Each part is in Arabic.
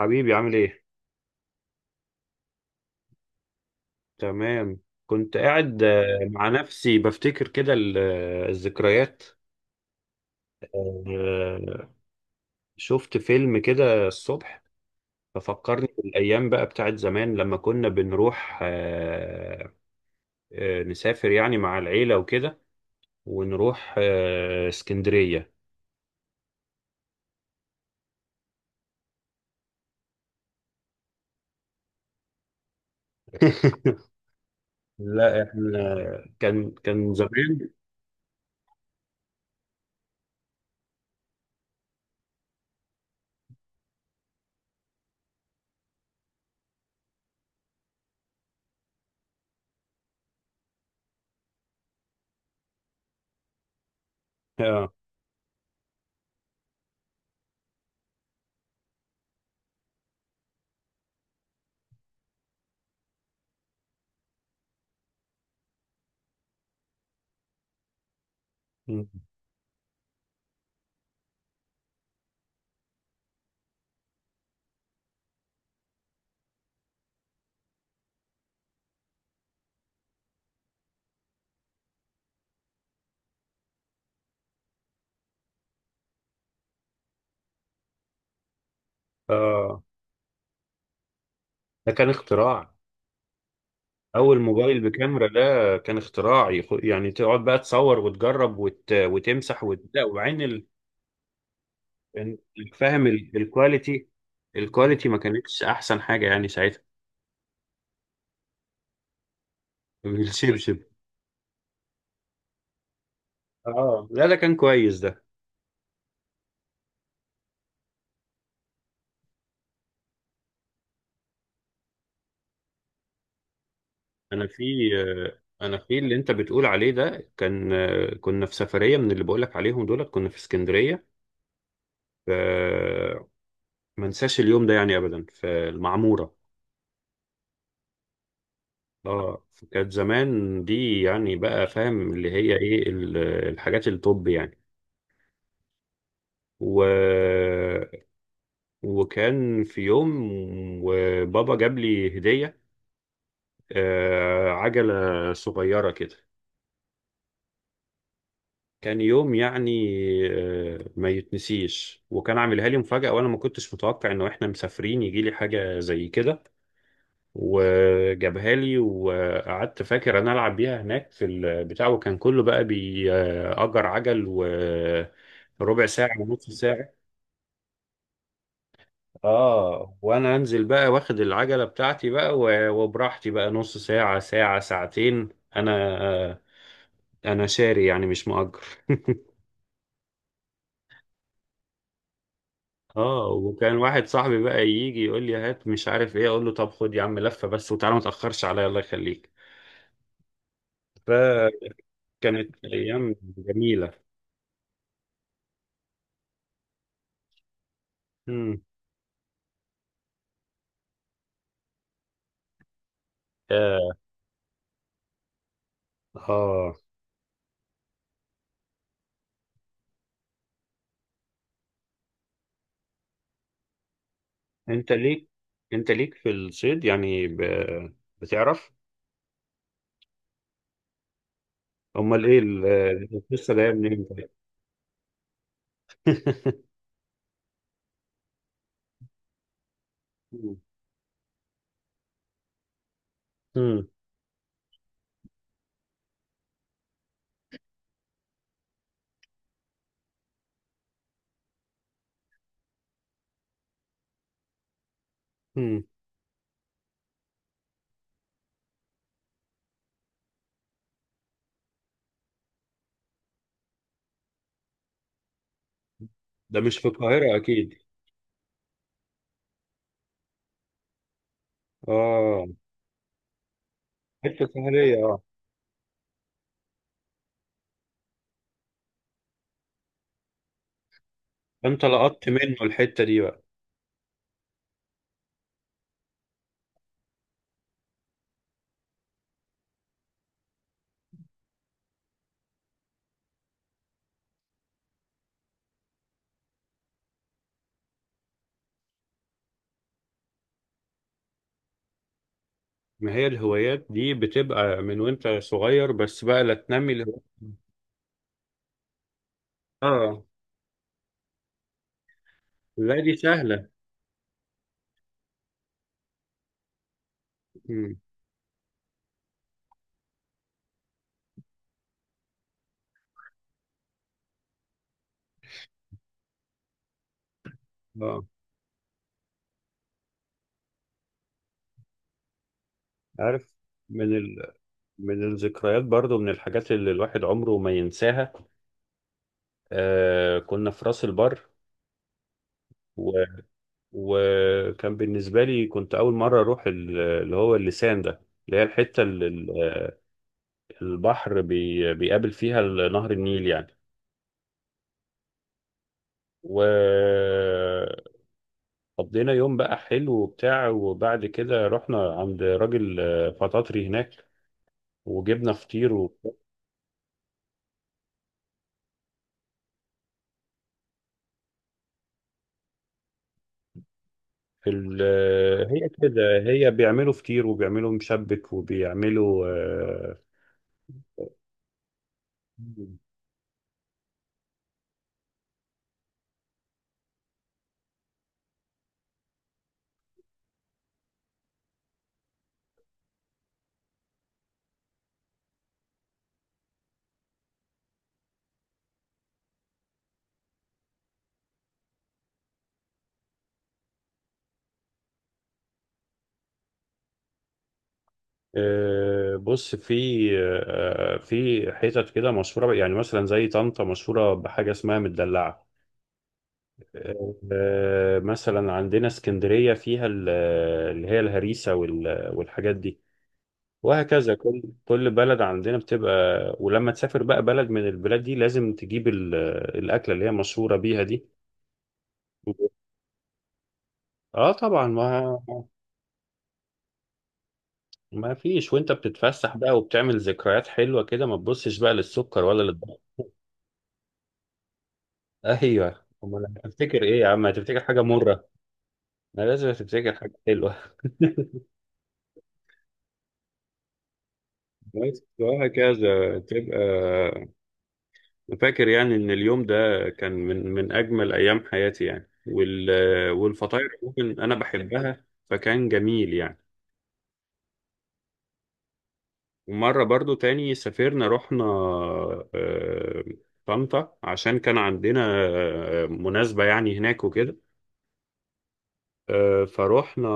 حبيبي، عامل ايه؟ تمام. كنت قاعد مع نفسي بفتكر كده الذكريات. آه، شفت فيلم كده الصبح. ففكرني بالأيام بقى بتاعت زمان لما كنا بنروح نسافر يعني مع العيلة وكده، ونروح اسكندرية. لا، احنا كان زمان. اه. آه، ده كان اختراع. اول موبايل بكاميرا، ده كان اختراعي، يعني تقعد بقى تصور وتجرب وتمسح لا، وبعدين ال- فاهم الكواليتي. الكواليتي ما كانتش احسن حاجه يعني ساعتها. بالشبشب. اه، لا ده كان كويس ده. انا في انا في اللي انت بتقول عليه ده، كان كنا في سفريه من اللي بقولك عليهم دولت، كنا في اسكندريه. ف- ما انساش اليوم ده يعني ابدا في المعموره. اه. كانت زمان دي، يعني بقى فاهم اللي هي ايه، الحاجات الطب يعني. و... وكان في يوم، وبابا جاب لي هدية، عجلة صغيرة كده. كان يوم يعني ما يتنسيش، وكان عاملها لي مفاجأة، وانا ما كنتش متوقع انه احنا مسافرين يجي لي حاجة زي كده. وجابها لي، وقعدت فاكر انا العب بيها هناك في البتاع، وكان كله بقى بيأجر عجل، وربع ساعة ونص ساعة. اه، وانا انزل بقى واخد العجلة بتاعتي بقى، وبراحتي بقى، نص ساعة، ساعة، ساعتين. انا آه، انا شاري، يعني مش مؤجر. اه، وكان واحد صاحبي بقى يجي يقول لي هات، مش عارف ايه، اقول له طب خد يا عم لفة بس، وتعالى ما تأخرش عليا، الله يخليك. فكانت ايام جميلة. مم. اه، انت ليك انت ليك في الصيد يعني، بتعرف؟ امال ايه القصه جايه منين طيب؟ مم. مم. مم. ده مش في القاهره اكيد؟ اه. حته ساحليه. اه. انت لقطت منه الحته دي بقى؟ ما هي الهوايات دي بتبقى من وانت صغير، بس بقى لا تنمي. اه، لا دي سهله. مم. اه، عارف. من ال... من الذكريات برضو، من الحاجات اللي الواحد عمره ما ينساها. كنا في راس البر. و... وكان بالنسبة لي، كنت أول مرة أروح اللي هو اللسان ده، اللي هي الحتة اللي البحر بيقابل فيها نهر النيل يعني. وقضينا يوم بقى حلو وبتاع، وبعد كده رحنا عند راجل فطاطري هناك، وجبنا فطير و... ال... آه، هي كده. هي بيعملوا فطير، وبيعملوا مشبك، وبيعملوا آه، بص، في حتت كده مشهورة، يعني مثلا زي طنطا مشهورة بحاجة اسمها مدلعة. مثلا عندنا اسكندرية فيها اللي هي الهريسة والحاجات دي. وهكذا كل بلد عندنا بتبقى. ولما تسافر بقى بلد من البلاد دي، لازم تجيب الأكلة اللي هي مشهورة بيها دي. اه، طبعا. ما فيش، وانت بتتفسح بقى وبتعمل ذكريات حلوة كده، ما تبصش بقى للسكر ولا. ايوه، امال هتفتكر ايه يا عم؟ هتفتكر حاجه مره؟ ما لازم تفتكر حاجه حلوه. بس، وهكذا تبقى. أنا فاكر يعني ان اليوم ده كان من اجمل ايام حياتي، يعني والفطاير عموماً انا بحبها، فكان جميل يعني. ومره برضو تاني سافرنا، رحنا آه، طنطا، عشان كان عندنا مناسبه يعني هناك وكده. فروحنا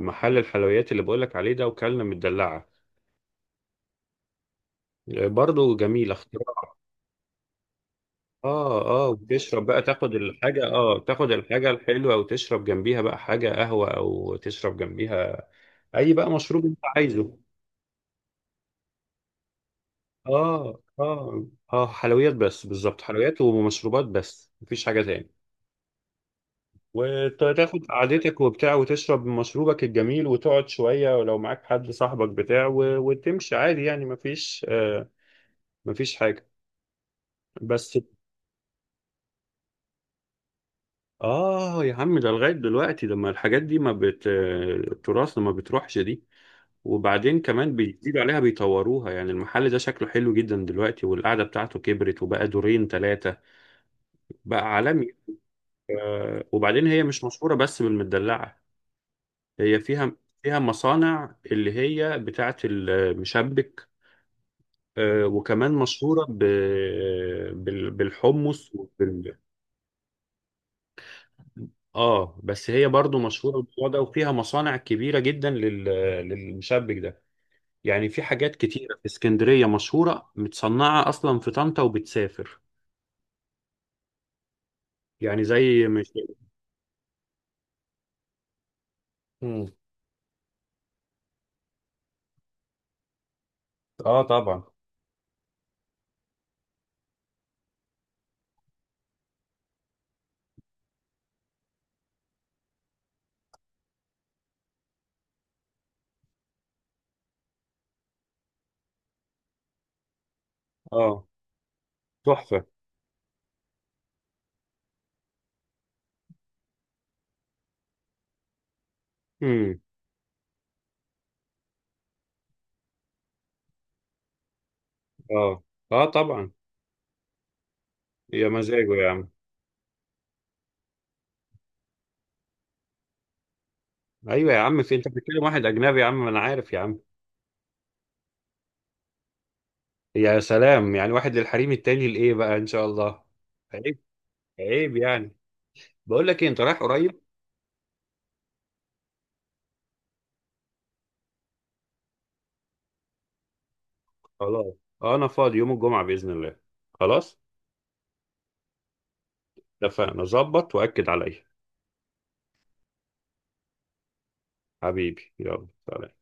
محل الحلويات اللي بقولك عليه ده، وكلنا مدلعه. برضه جميل اختراع. اه، اه، وتشرب بقى، تاخد الحاجة الحلوة وتشرب جنبيها بقى حاجة قهوة، او تشرب جنبيها. اي بقى مشروب انت عايزه. اه، اه، اه، حلويات بس بالظبط. حلويات ومشروبات بس، مفيش حاجة تاني. وتاخد قعدتك وبتاع، وتشرب مشروبك الجميل، وتقعد شوية، ولو معاك حد صاحبك بتاع وتمشي عادي، يعني مفيش حاجة بس. آه يا عم، ده لغاية دلوقتي. لما الحاجات دي ما بت التراث، ما بتروحش دي. وبعدين كمان بيزيدوا عليها، بيطوروها، يعني المحل ده شكله حلو جدا دلوقتي، والقعدة بتاعته كبرت وبقى دورين ثلاثة. بقى عالمي. وبعدين هي مش مشهورة بس بالمدلعة. هي فيها مصانع اللي هي بتاعة المشبك، وكمان مشهورة بالحمص. اه، بس هي برضو مشهورة بالموضوع ده، وفيها مصانع كبيرة جدا للمشبك ده. يعني في حاجات كتيرة في اسكندرية مشهورة متصنعة أصلا في طنطا وبتسافر، يعني زي مش. مم. اه، طبعا. اه، تحفة. امم. اه، اه، طبعا. يا مزاجه يا عم. ايوه يا عم، في انت بتتكلم واحد اجنبي؟ يا عم ما انا عارف يا عم. يا سلام! يعني واحد للحريم، التاني لايه بقى ان شاء الله؟ عيب. عيب يعني. بقول لك ايه، انت رايح قريب؟ خلاص، انا فاضي يوم الجمعة بإذن الله. خلاص، اتفقنا. ظبط وأكد عليا. حبيبي، يلا سلام.